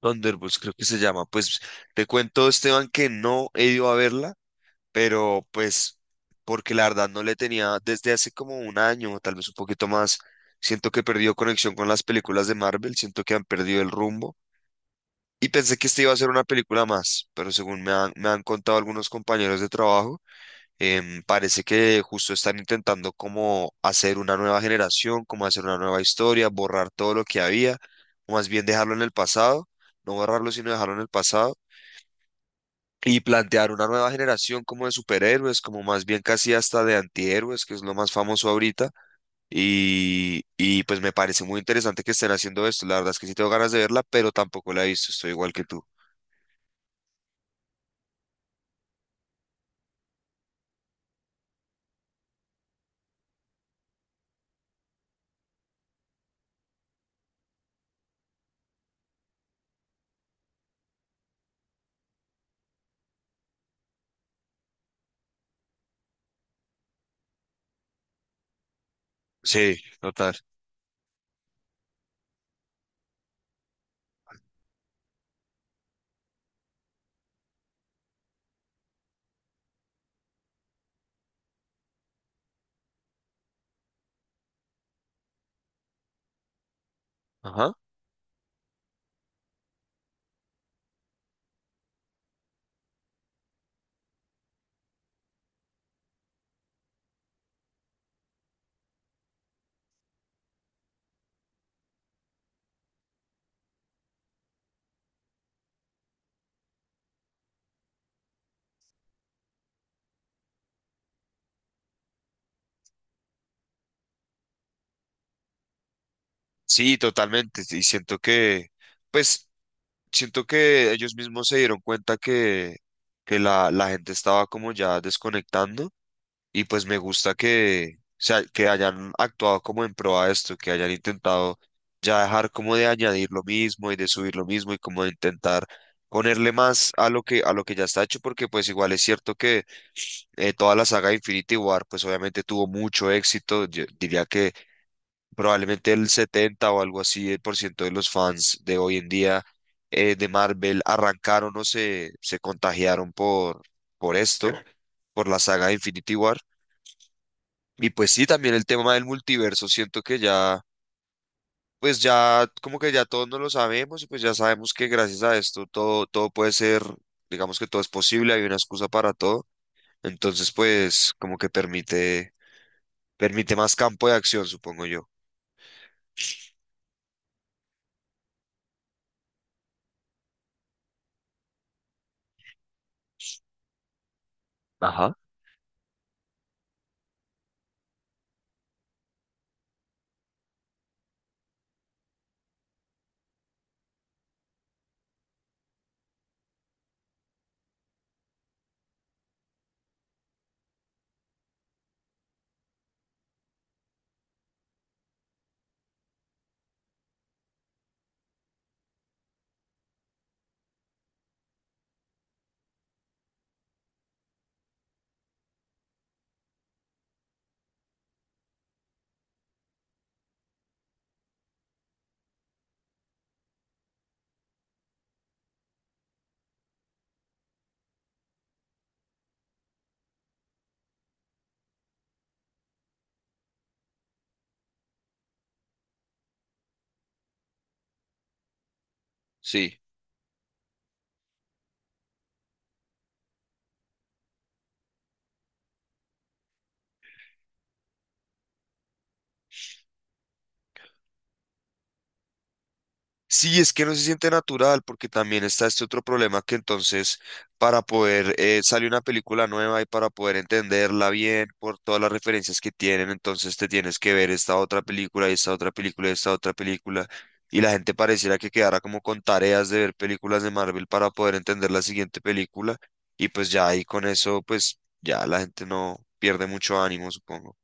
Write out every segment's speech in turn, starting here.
Thunderbolts creo que se llama. Pues te cuento, Esteban, que no he ido a verla, pero pues porque la verdad no le tenía desde hace como un año, o tal vez un poquito más. Siento que perdió conexión con las películas de Marvel, siento que han perdido el rumbo. Y pensé que esta iba a ser una película más, pero según me han contado algunos compañeros de trabajo. Parece que justo están intentando como hacer una nueva generación, como hacer una nueva historia, borrar todo lo que había, o más bien dejarlo en el pasado, no borrarlo, sino dejarlo en el pasado, y plantear una nueva generación como de superhéroes, como más bien casi hasta de antihéroes, que es lo más famoso ahorita. Y pues me parece muy interesante que estén haciendo esto. La verdad es que sí tengo ganas de verla, pero tampoco la he visto, estoy igual que tú. Sí, total. Ajá. Sí, totalmente. Y siento que, pues... siento que ellos mismos se dieron cuenta que la gente estaba como ya desconectando y pues me gusta que, o sea, que hayan actuado como en pro a esto, que hayan intentado ya dejar como de añadir lo mismo y de subir lo mismo y como de intentar ponerle más a lo que ya está hecho, porque pues igual es cierto que toda la saga de Infinity War pues obviamente tuvo mucho éxito. Yo diría que probablemente el 70 o algo así, el por ciento de los fans de hoy en día de Marvel arrancaron o se contagiaron por esto, por la saga de Infinity War. Y pues sí, también el tema del multiverso, siento que ya, pues ya, como que ya todos nos lo sabemos y pues ya sabemos que gracias a esto todo, todo puede ser, digamos que todo es posible, hay una excusa para todo. Entonces, pues como que permite más campo de acción, supongo yo. Ajá. Sí. Sí, es que no se siente natural porque también está este otro problema que entonces para poder salir una película nueva y para poder entenderla bien por todas las referencias que tienen, entonces te tienes que ver esta otra película y esta otra película y esta otra película, y la gente pareciera que quedara como con tareas de ver películas de Marvel para poder entender la siguiente película. Y pues ya ahí con eso pues ya la gente no pierde mucho ánimo, supongo.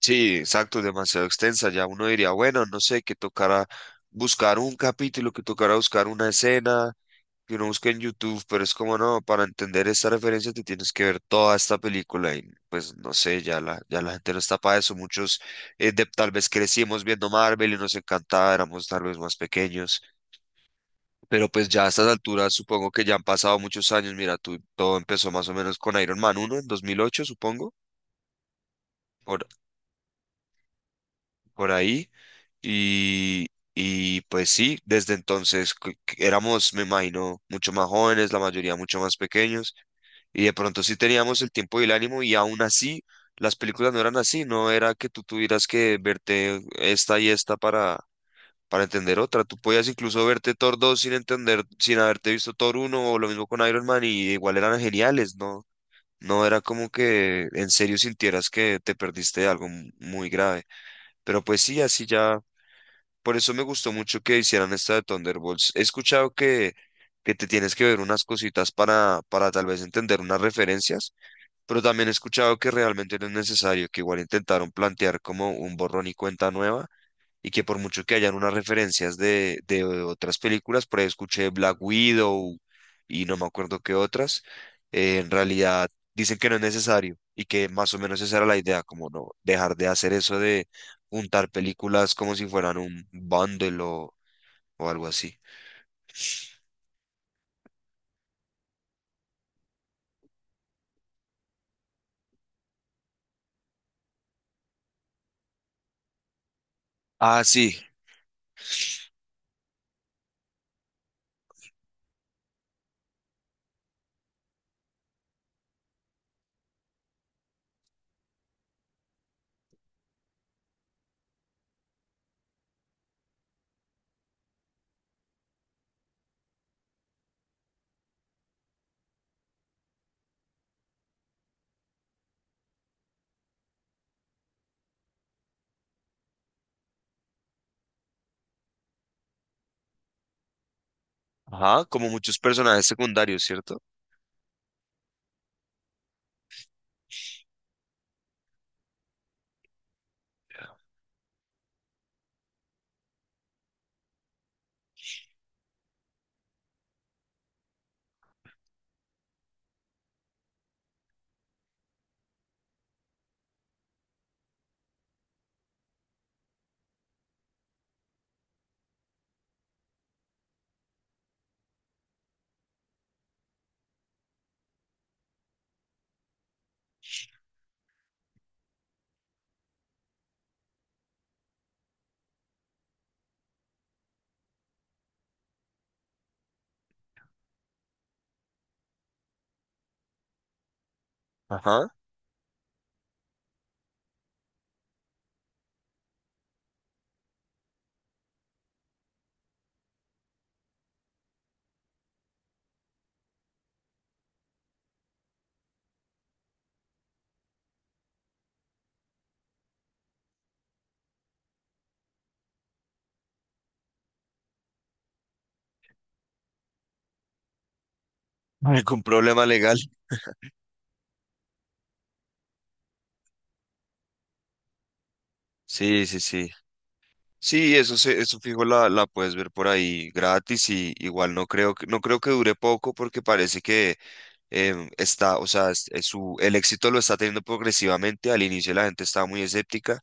Sí, exacto, demasiado extensa. Ya uno diría, bueno, no sé, que tocará buscar un capítulo, que tocará buscar una escena, que uno busque en YouTube, pero es como no, para entender esta referencia te tienes que ver toda esta película. Y pues no sé, ya ya la gente no está para eso. Muchos tal vez crecimos viendo Marvel y nos encantaba, éramos tal vez más pequeños, pero pues ya a estas alturas supongo que ya han pasado muchos años. Mira, tú, todo empezó más o menos con Iron Man uno en 2008, supongo. Por ahí. Y, y pues sí, desde entonces que éramos, me imagino, mucho más jóvenes, la mayoría mucho más pequeños, y de pronto sí teníamos el tiempo y el ánimo, y aún así las películas no eran así, no era que tú tuvieras que verte esta y esta para entender otra. Tú podías incluso verte Thor 2 sin entender, sin haberte visto Thor uno o lo mismo con Iron Man, y igual eran geniales, ¿no? No era como que en serio sintieras que te perdiste de algo muy grave. Pero pues sí, así ya por eso me gustó mucho que hicieran esta de Thunderbolts. He escuchado que te tienes que ver unas cositas para tal vez entender unas referencias, pero también he escuchado que realmente no es necesario, que igual intentaron plantear como un borrón y cuenta nueva, y que por mucho que hayan unas referencias de otras películas, por ahí escuché Black Widow y no me acuerdo qué otras. En realidad dicen que no es necesario y que más o menos esa era la idea, como no dejar de hacer eso de juntar películas como si fueran un bundle o algo así. Ah, sí, ajá, como muchos personajes secundarios, ¿cierto? Ajá, algún problema legal. Sí, sí, sí. Sí, eso se, eso fijo la, la puedes ver por ahí gratis, y igual no creo que, no creo que dure poco porque parece que está, o sea, es su, el éxito lo está teniendo progresivamente. Al inicio la gente estaba muy escéptica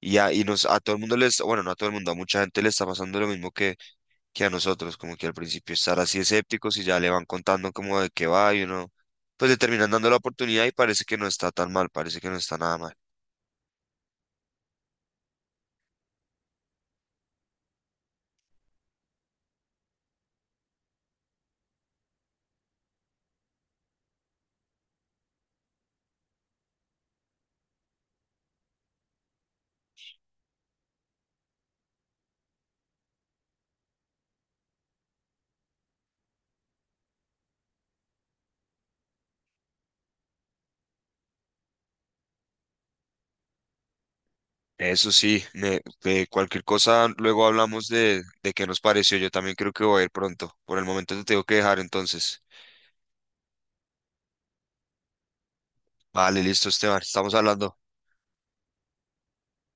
y a todo el mundo les, bueno, no a todo el mundo, a mucha gente le está pasando lo mismo que a nosotros, como que al principio estar así escépticos y ya le van contando como de qué va y uno, pues le terminan dando la oportunidad y parece que no está tan mal, parece que no está nada mal. Eso sí, de cualquier cosa luego hablamos de qué nos pareció. Yo también creo que voy a ir pronto. Por el momento te tengo que dejar entonces. Vale, listo, Esteban. Estamos hablando.